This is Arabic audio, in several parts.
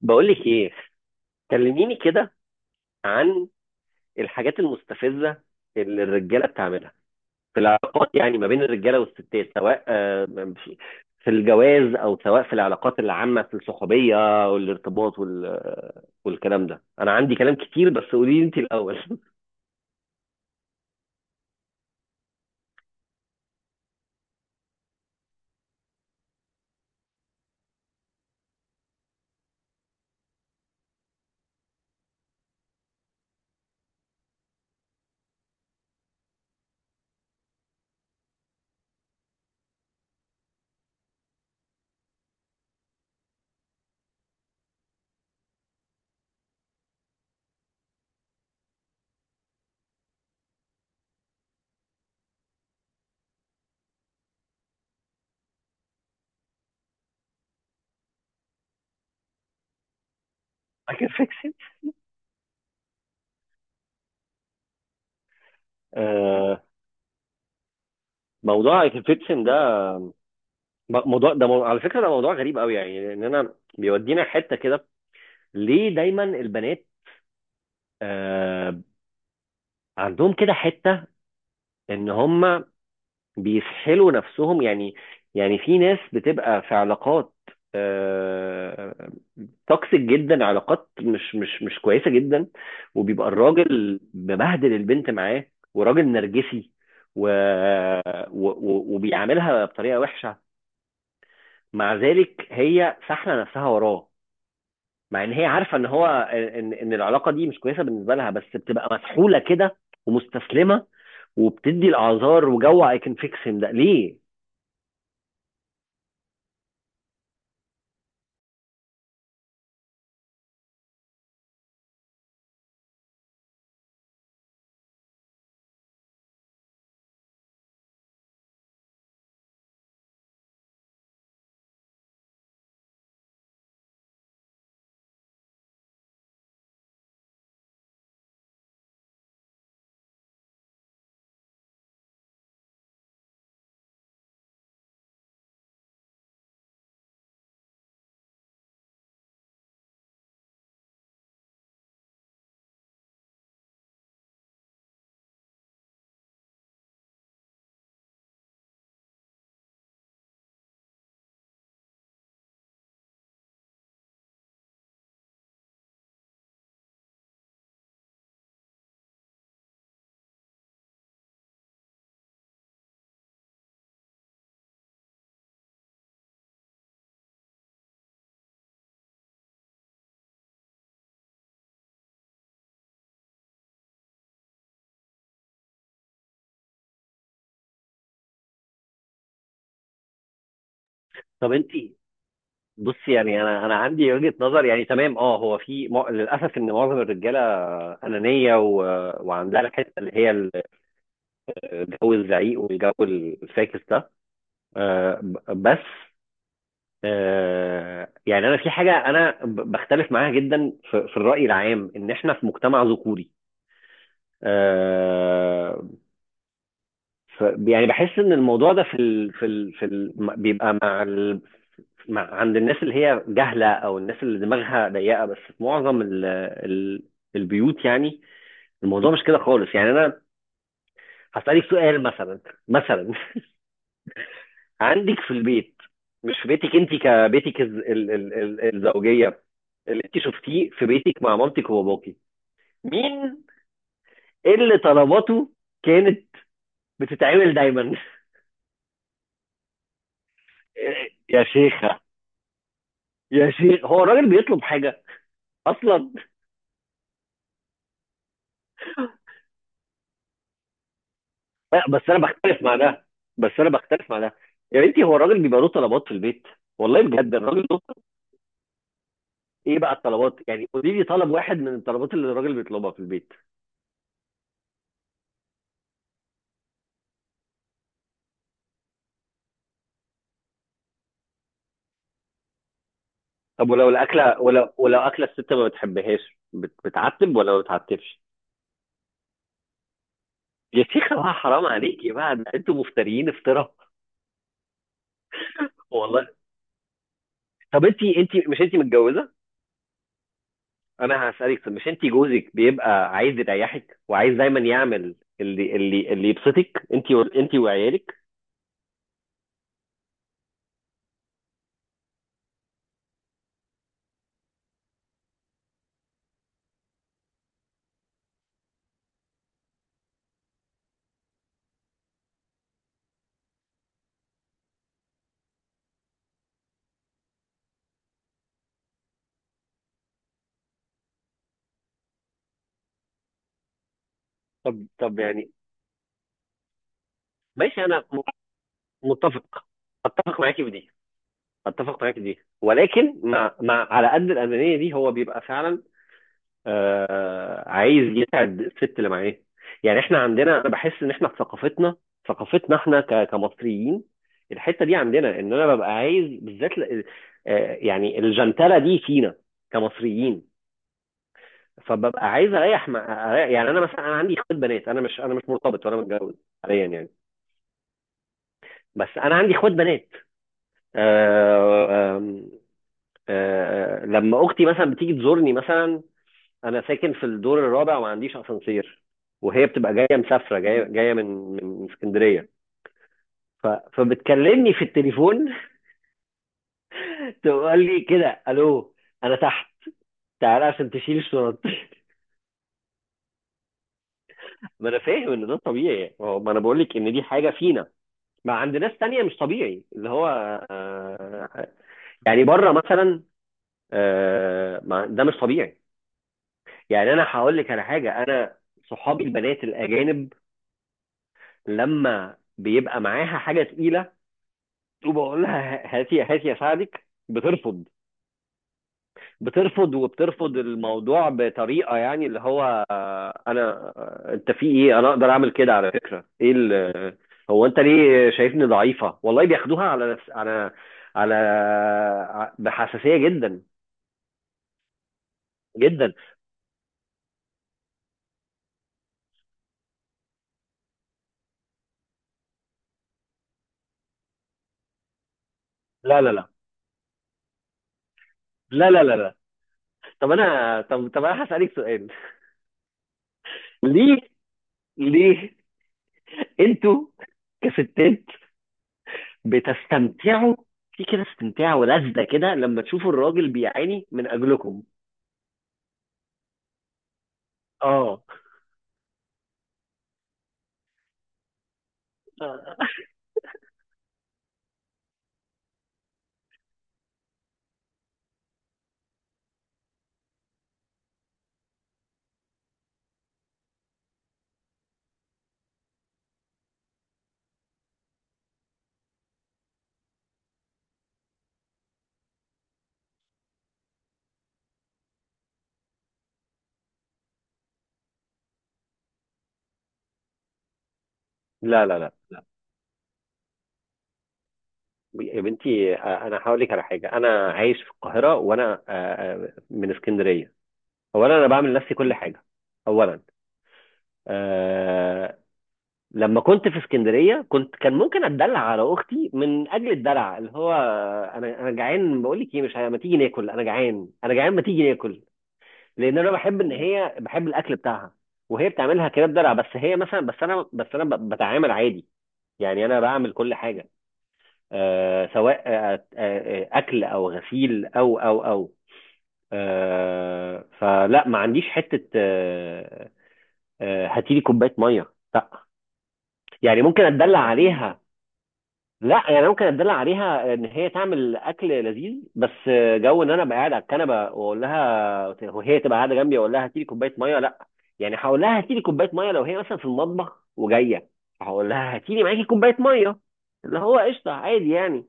بقول لك ايه؟ كلميني كده عن الحاجات المستفزه اللي الرجاله بتعملها في العلاقات، يعني ما بين الرجاله والستات، سواء في في الجواز، او سواء في العلاقات العامه، في الصحوبيه والارتباط والكلام ده. انا عندي كلام كتير، بس قولي لي انت الاول. اكل فيكسن. آه، موضوع اكل فيكسن ده، موضوع ده على فكره ده موضوع غريب قوي، يعني لان انا بيودينا حته كده. ليه دايما البنات آه، عندهم كده حته ان هم بيسحلوا نفسهم؟ يعني، يعني في ناس بتبقى في علاقات آه، توكسيك جدا، علاقات مش كويسه جدا، وبيبقى الراجل مبهدل البنت معاه، وراجل نرجسي، و... و... و- وبيعاملها بطريقه وحشه. مع ذلك هي ساحله نفسها وراه، مع ان هي عارفه ان هو، ان العلاقه دي مش كويسه بالنسبه لها، بس بتبقى مسحوله كده ومستسلمه، وبتدي الاعذار وجو اي كان فيكس ده ليه. طب انت، بص، يعني انا، عندي وجهة نظر. يعني تمام، اه، هو في للاسف ان معظم الرجاله انانيه، و... وعندها الحته اللي هي الجو الزعيق والجو الفاكس ده. بس يعني انا في حاجه انا بختلف معاها جدا، في، في الراي العام ان احنا في مجتمع ذكوري. آه ف... يعني بحس ان الموضوع ده بيبقى مع ال... ما- عند الناس اللي هي جهلة، أو الناس اللي دماغها ضيقة، بس في معظم ال البيوت يعني الموضوع مش كده خالص. يعني أنا هسألك سؤال، مثلا. عندك في البيت، مش في بيتك أنت، كبيتك الزوجية، اللي أنت شفتيه في بيتك مع مامتك وباباكي، مين اللي طلباته كانت بتتعمل دايما؟ يا شيخة، يا شيخ، هو الراجل بيطلب حاجة أصلا؟ لا، بس انا بختلف مع ده، بس انا بختلف مع ده يا بنتي، هو الراجل بيبقى له طلبات في البيت؟ والله بجد، الراجل له ايه بقى الطلبات؟ يعني قولي لي طلب واحد من الطلبات اللي الراجل بيطلبها في البيت. طب ولو الاكله، ولو اكله الست ما بتحبهاش، بتعتب ولا ما بتعتبش؟ يا شيخه بقى، حرام عليكي بقى، ده انتوا مفتريين افتراء. والله. طب انت، انت مش انت متجوزه؟ انا هسالك، طب مش انت جوزك بيبقى عايز يريحك، وعايز دايما يعمل اللي يبسطك، انت، وعيالك؟ طب، يعني، ماشي، انا متفق. اتفق معاكي في دي، ولكن مع، على قد الانانيه دي، هو بيبقى فعلا، آه، عايز يسعد الست اللي معاه. يعني احنا عندنا، انا بحس ان احنا في ثقافتنا، احنا كمصريين، الحته دي عندنا ان انا ببقى عايز بالذات يعني الجنتله دي فينا كمصريين. فببقى عايز اريح، يعني انا مثلا، انا عندي اخوات بنات. انا مش، انا مش مرتبط ولا متجوز حاليا، يعني بس انا عندي اخوات بنات. آه، آم، آه، لما اختي مثلا بتيجي تزورني مثلا، انا ساكن في الدور الرابع وما عنديش اسانسير، وهي بتبقى جايه، مسافره جايه، جايه من، من اسكندريه. ف- فبتكلمني في التليفون، تقول لي كده: الو، انا تحت، تعالى عشان تشيل الشنط. ما انا فاهم ان ده طبيعي. ما انا بقول لك ان دي حاجه فينا، ما عند ناس تانية مش طبيعي اللي هو، آه، يعني بره مثلا، ده مش طبيعي. يعني انا هقول لك على حاجه، انا صحابي البنات الاجانب لما بيبقى معاها حاجه تقيله، وبقول لها هاتي، هاتي اساعدك، بترفض. بترفض وبترفض الموضوع بطريقه، يعني اللي هو، آه، انا، آه، انت في ايه، انا اقدر اعمل كده، على فكره ايه هو انت ليه شايفني ضعيفه؟ والله بياخدوها على نفس، على، على بحساسيه جدا، جدا. لا، لا، لا، لا، لا، لا، لا. طب انا، طب انا هسالك سؤال. ليه، ليه انتوا كستات بتستمتعوا في كده؟ استمتاع ولذة كده لما تشوفوا الراجل بيعاني من اجلكم؟ اه. لا، لا، لا، لا. يا بنتي، انا هقول لك على حاجه. انا عايش في القاهره وانا من اسكندريه. اولا، انا بعمل لنفسي كل حاجه. اولا، آه لما كنت في اسكندريه كنت، كان ممكن اتدلع على اختي، من اجل الدلع اللي هو انا، انا جعان، بقول لك ايه، مش ه- ما تيجي ناكل، انا جعان، ما تيجي ناكل، لان انا بحب ان هي بحب الاكل بتاعها وهي بتعملها كده بدلع. بس هي مثلا، بس انا بتعامل عادي. يعني انا بعمل كل حاجه، آه، سواء اكل او غسيل او، آه، فلا ما عنديش حته آه، آه، هاتيلي كوبايه ميه، لا. يعني ممكن اتدلع عليها، لا يعني ممكن اتدلع عليها ان هي تعمل اكل لذيذ بس. جو ان انا ابقى قاعد على الكنبه واقول لها، وهي تبقى قاعده جنبي واقول لها هاتي لي كوبايه ميه، لا. يعني هقول لها هاتي لي كوبايه ميه لو هي مثلا في المطبخ وجايه، هقول لها هاتي لي معاكي كوبايه ميه، اللي هو قشطه عادي يعني.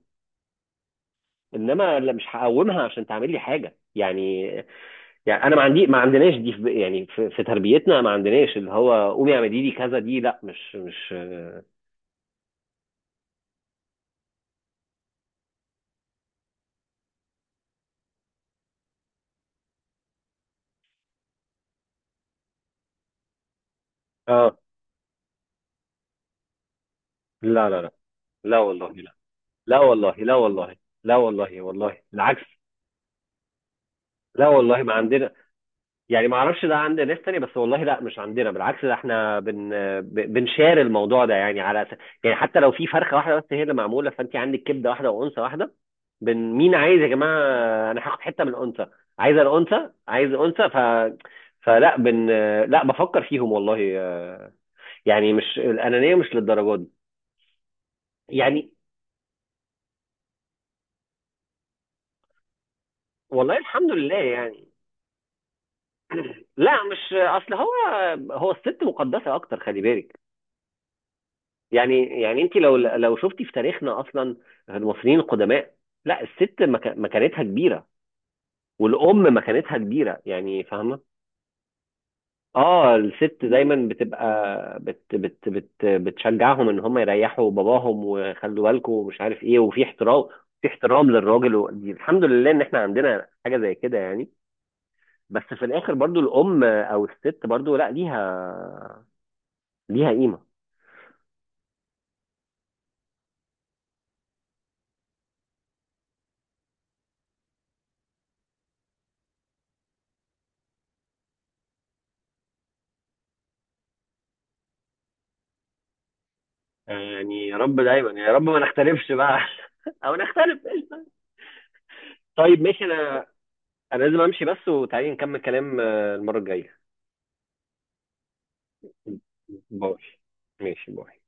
انما لا، مش هقومها عشان تعمل لي حاجه يعني. يعني انا ما عندي، ما عندناش دي في يعني في, في تربيتنا ما عندناش اللي هو قومي اعملي لي كذا، دي لا، مش، مش. اه، لا، لا، لا. لا والله، لا والله. لا والله، لا والله بالعكس. لا والله، ما عندنا. يعني ما اعرفش ده عند ناس تانية، بس والله لا، مش عندنا. بالعكس، ده احنا بنشار الموضوع ده يعني على يعني حتى لو في فرخه واحده بس هي اللي معموله، فانت عندك كبده واحده وانثى واحده، مين عايز يا جماعه؟ انا هاخد حته من الانثى، عايز الانثى، عايز انثى. فلا لا بفكر فيهم والله. يعني مش الانانيه مش للدرجه دي يعني. والله الحمد لله يعني. لا، مش، اصل هو الست مقدسه اكتر، خلي بالك. يعني، يعني انت لو، لو شفتي في تاريخنا اصلا، المصريين القدماء، لا الست مكانتها كبيره، والام مكانتها كبيره، يعني فاهمه. اه الست دايما بتبقى بت بت بت بتشجعهم ان هم يريحوا باباهم، وخلوا بالكم ومش عارف ايه، وفي احترام، في احترام للراجل و... دي الحمد لله ان احنا عندنا حاجه زي كده يعني. بس في الاخر برضو، الام او الست برضو، لا، ليها، ليها قيمه. يعني يا رب دايما، يعني يا رب ما نختلفش بقى. او نختلف قشطة. طيب ماشي، انا، انا لازم امشي بس. وتعالي نكمل كلام المره الجايه. باي. ماشي، باي.